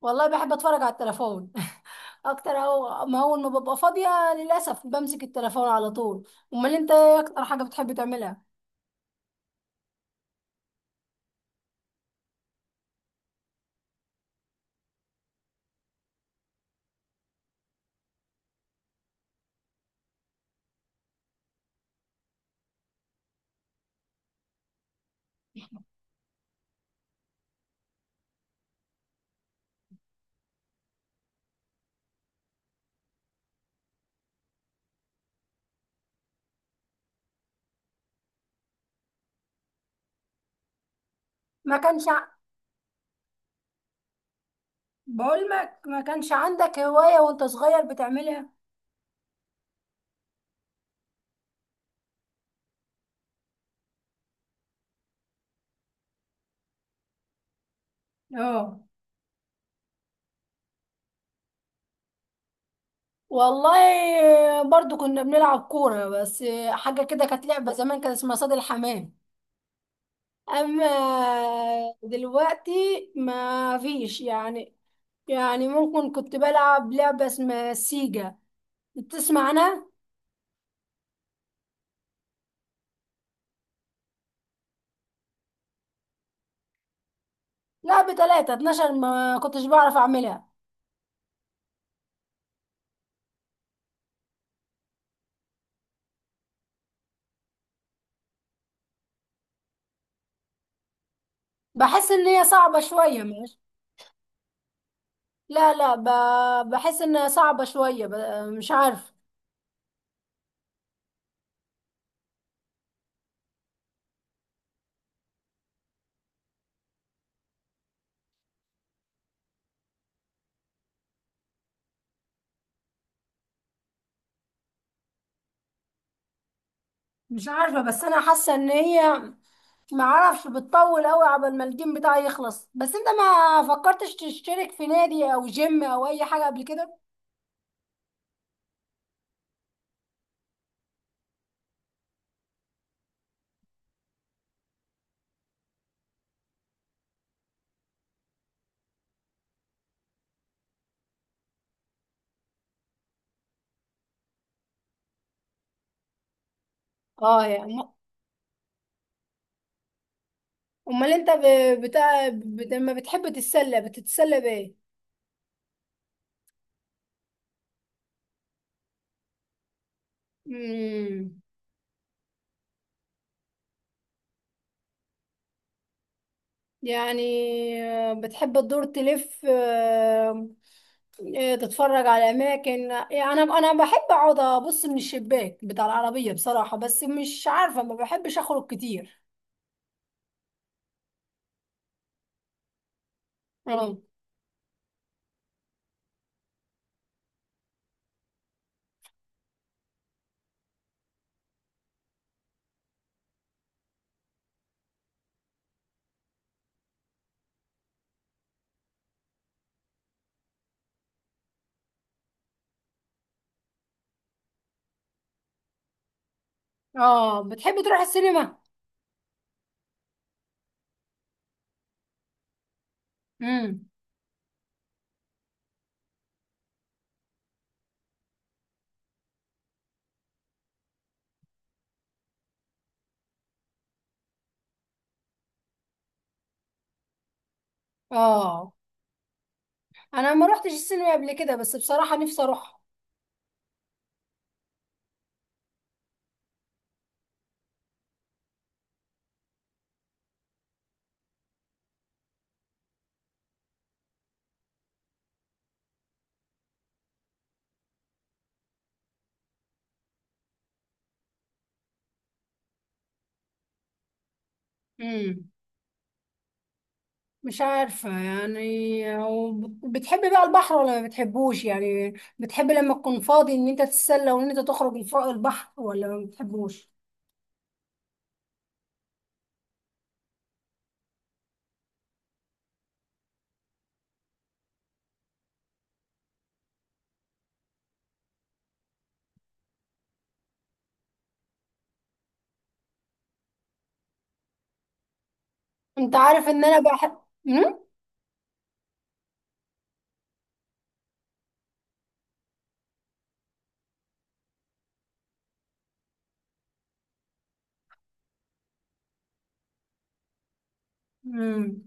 والله بحب اتفرج على التليفون اكتر. او ما اول ما ببقى فاضيه للاسف بمسك التليفون على طول. امال انت ايه اكتر حاجه بتحب تعملها؟ ما كانش ع- بقول لك ما كانش عندك هوايه وانت صغير بتعملها؟ اه. والله برضو كنا بنلعب كوره، بس حاجه كده كانت لعبه زمان كان اسمها صيد الحمام. اما دلوقتي ما فيش. يعني ممكن كنت بلعب لعبه اسمها سيجا، بتسمع عنها؟ لا، بتلاتة، 12 ما كنتش بعرف اعملها. بحس ان هي صعبة شوية. ماشي. لا لا ب... بحس انها صعبة شوية. مش عارف. مش عارفة، بس انا حاسة ان هي ما اعرفش بتطول قوي عبال ما الجيم بتاعي يخلص. بس انت ما فكرتش تشترك في نادي او جيم او اي حاجة قبل كده؟ اه يعني. امال انت لما بتحب تتسلى بتتسلى بايه؟ امم. يعني بتحب تدور تلف، تتفرج على اماكن؟ يعني انا بحب اقعد ابص من الشباك بتاع العربيه بصراحه، بس مش عارفه ما بحبش اخرج كتير. اه. اه، بتحب تروح السينما؟ امم. اه، انا ما روحتش السينما قبل كده، بس بصراحه نفسي اروح. امم. مش عارفه يعني، بتحب بقى البحر ولا ما بتحبوش؟ يعني بتحب لما تكون فاضي ان انت تتسلى وان انت تخرج البحر ولا ما بتحبوش؟ انت عارف ان انا بحب. مم؟ امم.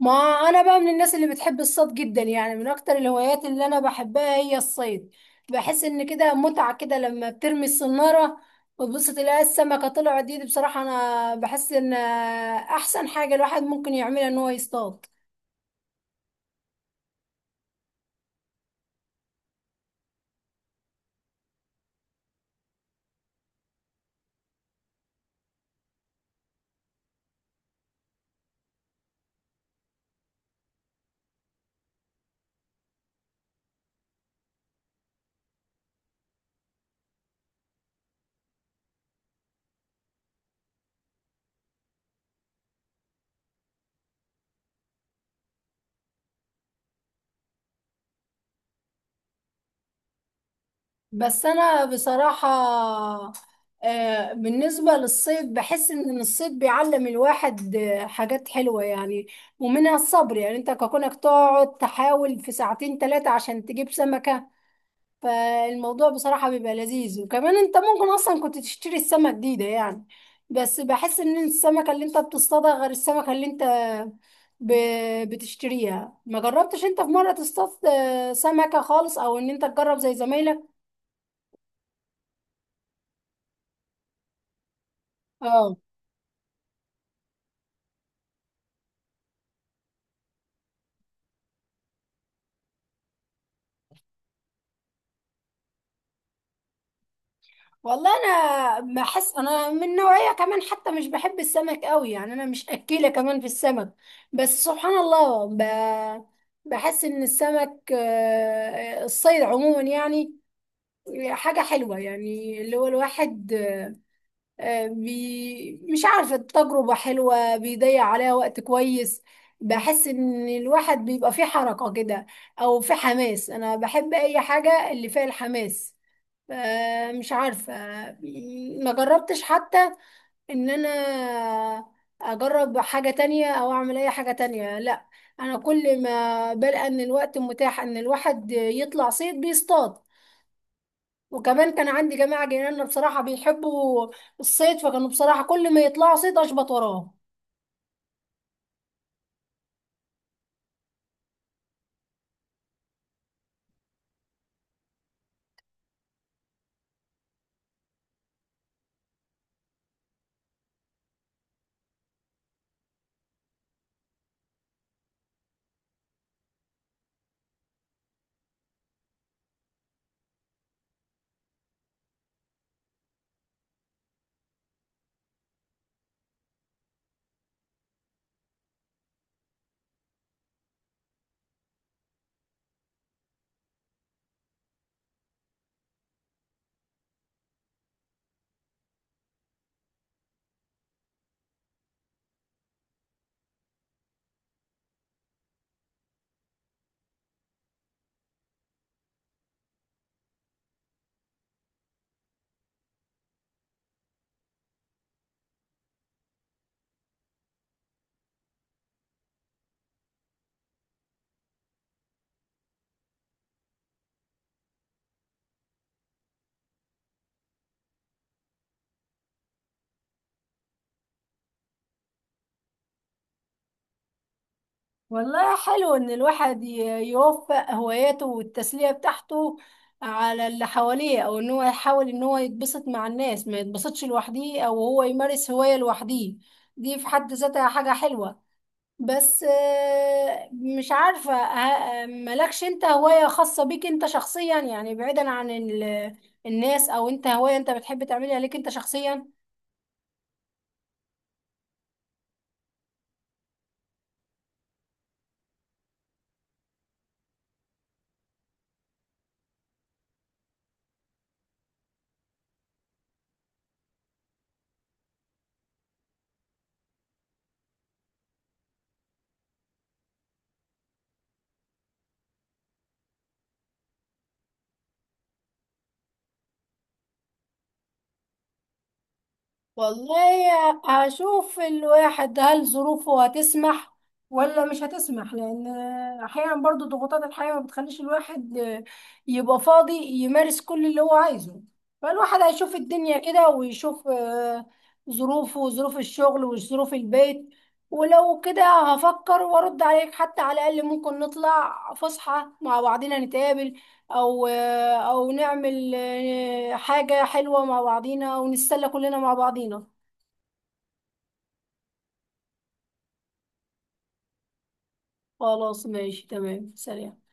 ما انا بقى من الناس اللي بتحب الصيد جدا. يعني من اكتر الهوايات اللي انا بحبها هي الصيد. بحس ان كده متعة كده لما بترمي الصنارة وتبص تلاقي السمكة طلعت. دي، دي بصراحة انا بحس ان احسن حاجة الواحد ممكن يعملها ان هو يصطاد. بس انا بصراحة بالنسبة للصيد بحس إن الصيد بيعلم الواحد حاجات حلوة يعني، ومنها الصبر. يعني أنت ككونك تقعد تحاول في ساعتين تلاتة عشان تجيب سمكة، فالموضوع بصراحة بيبقى لذيذ. وكمان أنت ممكن أصلا كنت تشتري السمكة جديدة، يعني بس بحس إن السمكة اللي أنت بتصطادها غير السمكة اللي أنت بتشتريها. ما جربتش أنت في مرة تصطاد سمكة خالص، أو إن أنت تجرب زي زمايلك؟ اه. والله انا بحس انا من نوعيه، كمان حتى مش بحب السمك قوي، يعني انا مش اكيله كمان في السمك. بس سبحان الله، بحس ان السمك، الصيد عموما، يعني حاجه حلوه يعني. اللي هو الواحد مش عارفه التجربه حلوه، بيضيع عليها وقت كويس. بحس ان الواحد بيبقى فيه حركه كده، او فيه حماس. انا بحب اي حاجه اللي فيها الحماس. مش عارفة. ما جربتش حتى ان انا اجرب حاجة تانية او اعمل اي حاجة تانية، لا. انا كل ما بلقى ان الوقت متاح ان الواحد يطلع صيد بيصطاد. وكمان كان عندي جماعة جيراننا بصراحة بيحبوا الصيد، فكانوا بصراحة كل ما يطلعوا صيد اشبط وراه. والله حلو إن الواحد يوفق هواياته والتسلية بتاعته على اللي حواليه، أو إن هو يحاول إن هو يتبسط مع الناس، ما يتبسطش لوحده، أو هو يمارس هواية لوحده. دي في حد ذاتها حاجة حلوة. بس مش عارفة، مالكش أنت هواية خاصة بيك أنت شخصيا؟ يعني بعيدا عن الناس، أو أنت هواية أنت بتحب تعملها ليك أنت شخصيا؟ والله هشوف الواحد هل ظروفه هتسمح ولا مش هتسمح، لان احيانا برضو ضغوطات الحياة ما بتخليش الواحد يبقى فاضي يمارس كل اللي هو عايزه. فالواحد هيشوف الدنيا كده ويشوف ظروفه وظروف الشغل وظروف البيت، ولو كده هفكر وارد عليك. حتى على الاقل ممكن نطلع فسحة مع بعضنا نتقابل، او او نعمل حاجة حلوة مع بعضينا، او نتسلى كلنا مع بعضينا. خلاص ماشي تمام. سلام.